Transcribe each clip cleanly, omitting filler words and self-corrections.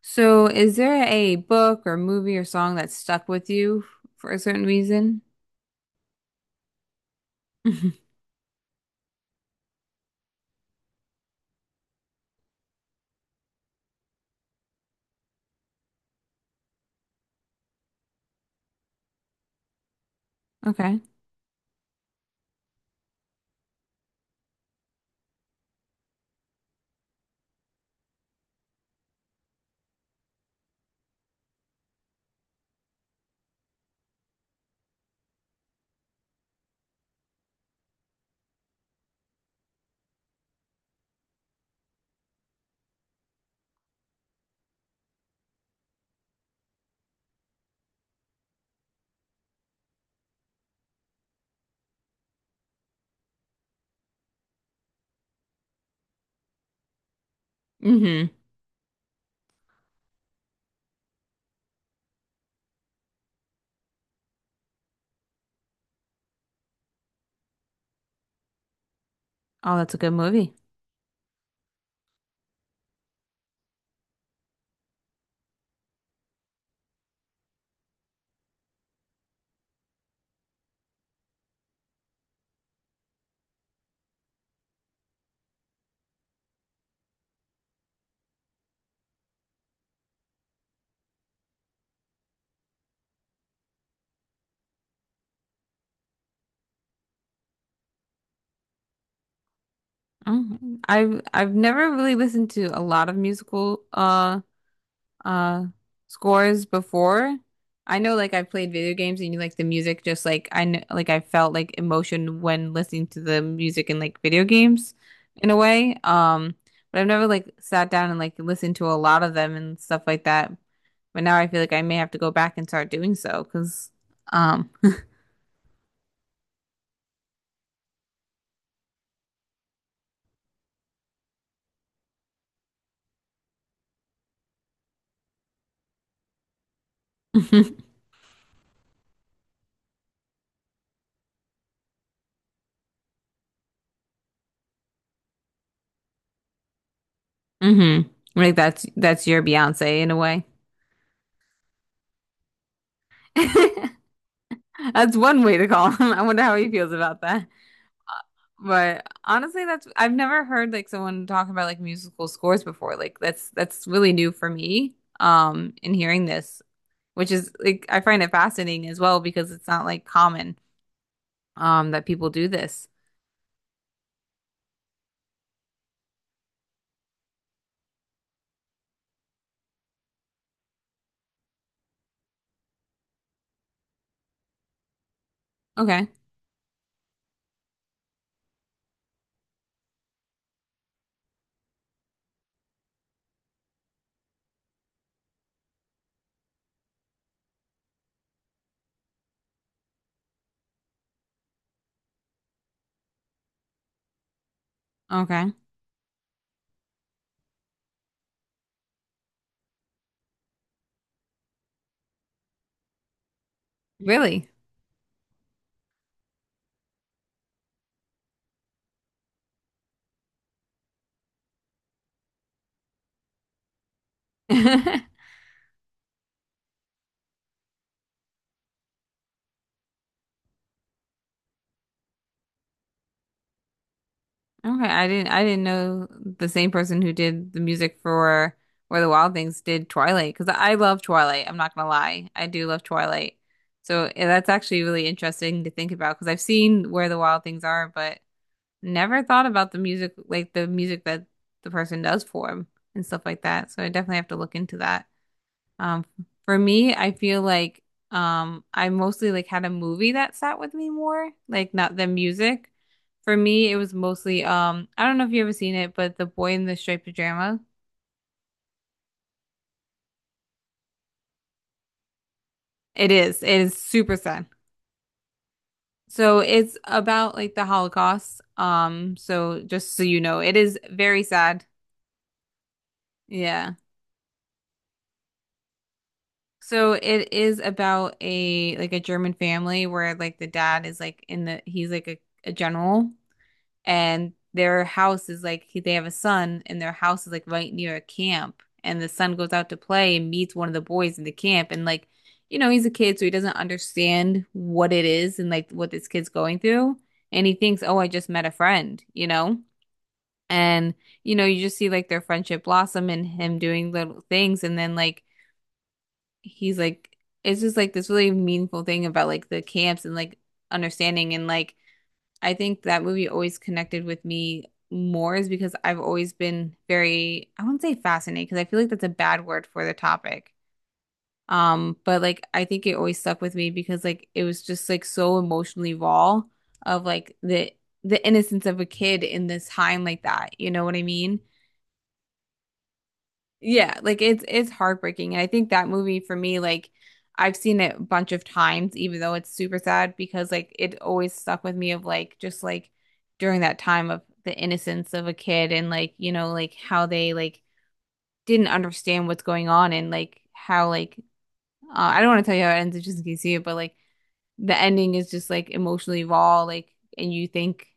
So, is there a book or movie or song that stuck with you for a certain reason? Mhm. Okay. hmm Oh, that's a good movie. Oh, I've never really listened to a lot of musical uh scores before. I know, like, I've played video games and you like the music, just like I know like I felt like emotion when listening to the music in like video games in a way. But I've never like sat down and like listened to a lot of them and stuff like that. But now I feel like I may have to go back and start doing so because, um, hmm like that's your Beyonce in a way. That's one way to call him. I wonder how he feels about that. But honestly, that's I've never heard like someone talk about like musical scores before. Like that's really new for me. In hearing this, which is like I find it fascinating as well because it's not like common that people do this. Okay. Okay. Really? Okay, I didn't know the same person who did the music for Where the Wild Things did Twilight, because I love Twilight. I'm not gonna lie, I do love Twilight. So yeah, that's actually really interesting to think about because I've seen Where the Wild Things Are, but never thought about the music, like the music that the person does for him and stuff like that. So I definitely have to look into that. Um, for me, I feel like I mostly like had a movie that sat with me more, like not the music. For me, it was mostly I don't know if you ever seen it, but The Boy in the Striped Pajama. It is. It is super sad. So it's about like the Holocaust. So just so you know, it is very sad. Yeah. So it is about a like a German family where like the dad is like in the he's like a general, and their house is like they have a son and their house is like right near a camp, and the son goes out to play and meets one of the boys in the camp, and like you know he's a kid, so he doesn't understand what it is and like what this kid's going through, and he thinks, oh, I just met a friend, you know. And you know, you just see like their friendship blossom and him doing little things, and then like he's like it's just like this really meaningful thing about like the camps and like understanding and like I think that movie always connected with me more is because I've always been very, I wouldn't say fascinated because I feel like that's a bad word for the topic. But like I think it always stuck with me because like it was just like so emotionally raw of like the innocence of a kid in this time like that. You know what I mean? Yeah, like it's heartbreaking. And I think that movie for me, like I've seen it a bunch of times, even though it's super sad, because like it always stuck with me of like just like during that time of the innocence of a kid, and like, you know, like how they like didn't understand what's going on and like how like I don't want to tell you how it ends just in case you see it, but like the ending is just like emotionally raw, like, and you think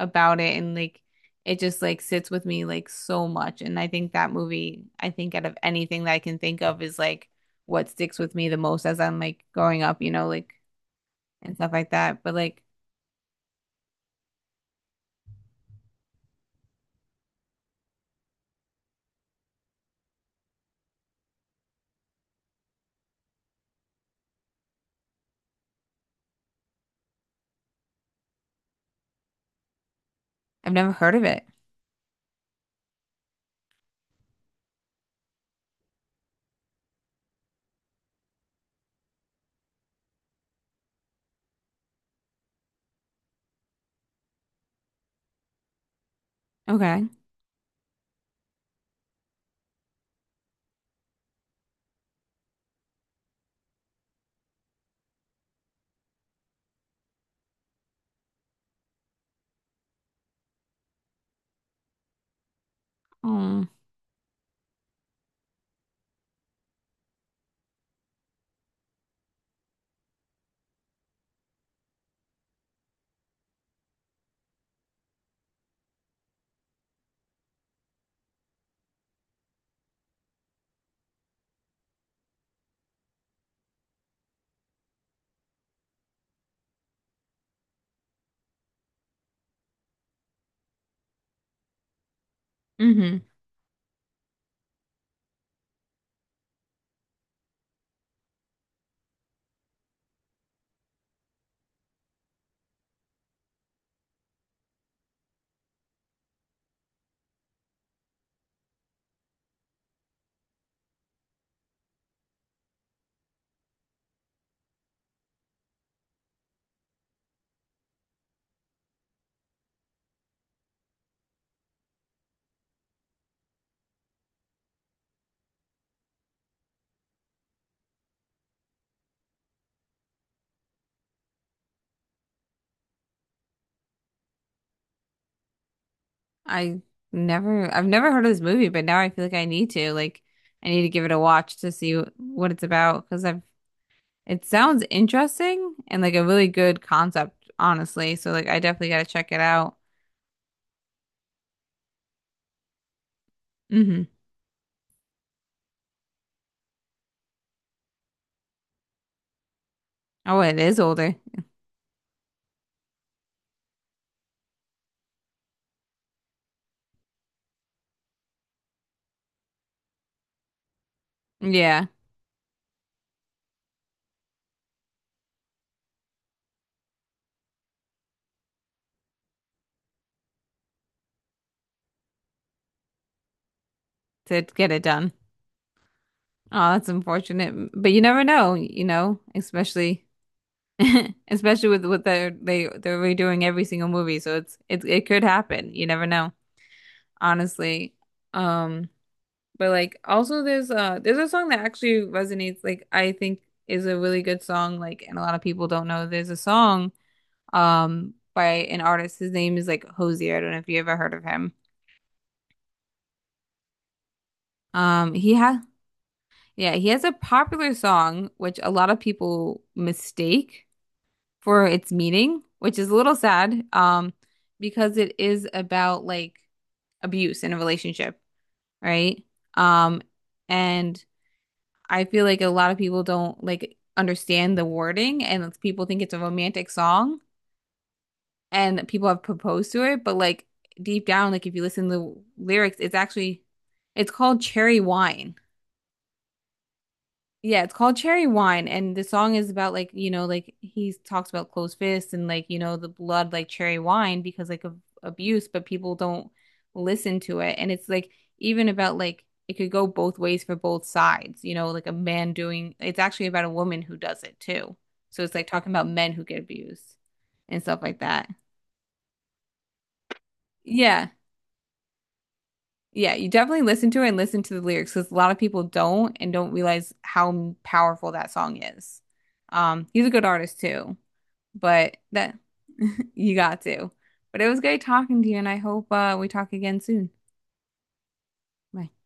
about it and like it just like sits with me like so much. And I think that movie, I think out of anything that I can think of is like what sticks with me the most as I'm like growing up, you know, like and stuff like that. But like I've never heard of it. Okay. Oh. Mm-hmm. I I've never heard of this movie, but now I feel like I need to. Like I need to give it a watch to see what it's about because I've it sounds interesting and like a really good concept, honestly. So like I definitely gotta check it out. hmm Oh, it is older. Yeah, to get it done. Oh, that's unfortunate. But you never know, you know, especially especially with what they're they're redoing every single movie. So it's it it could happen. You never know, honestly. Um, but like also there's a song that actually resonates, like I think is a really good song, like, and a lot of people don't know there's a song by an artist. His name is like Hosier. I don't know if you ever heard of him. He has Yeah, he has a popular song which a lot of people mistake for its meaning, which is a little sad, because it is about like abuse in a relationship, right? Um and I feel like a lot of people don't like understand the wording, and people think it's a romantic song, and people have proposed to it, but like deep down, like if you listen to the lyrics, it's actually it's called Cherry Wine. Yeah, it's called Cherry Wine, and the song is about like you know like he talks about closed fists and like you know the blood like cherry wine because like of abuse, but people don't listen to it, and it's like even about like it could go both ways for both sides, you know, like a man doing it's actually about a woman who does it too. So it's like talking about men who get abused and stuff like that. Yeah. Yeah, you definitely listen to it and listen to the lyrics because a lot of people don't and don't realize how powerful that song is. He's a good artist too, but that you got to. But it was great talking to you, and I hope we talk again soon. Bye.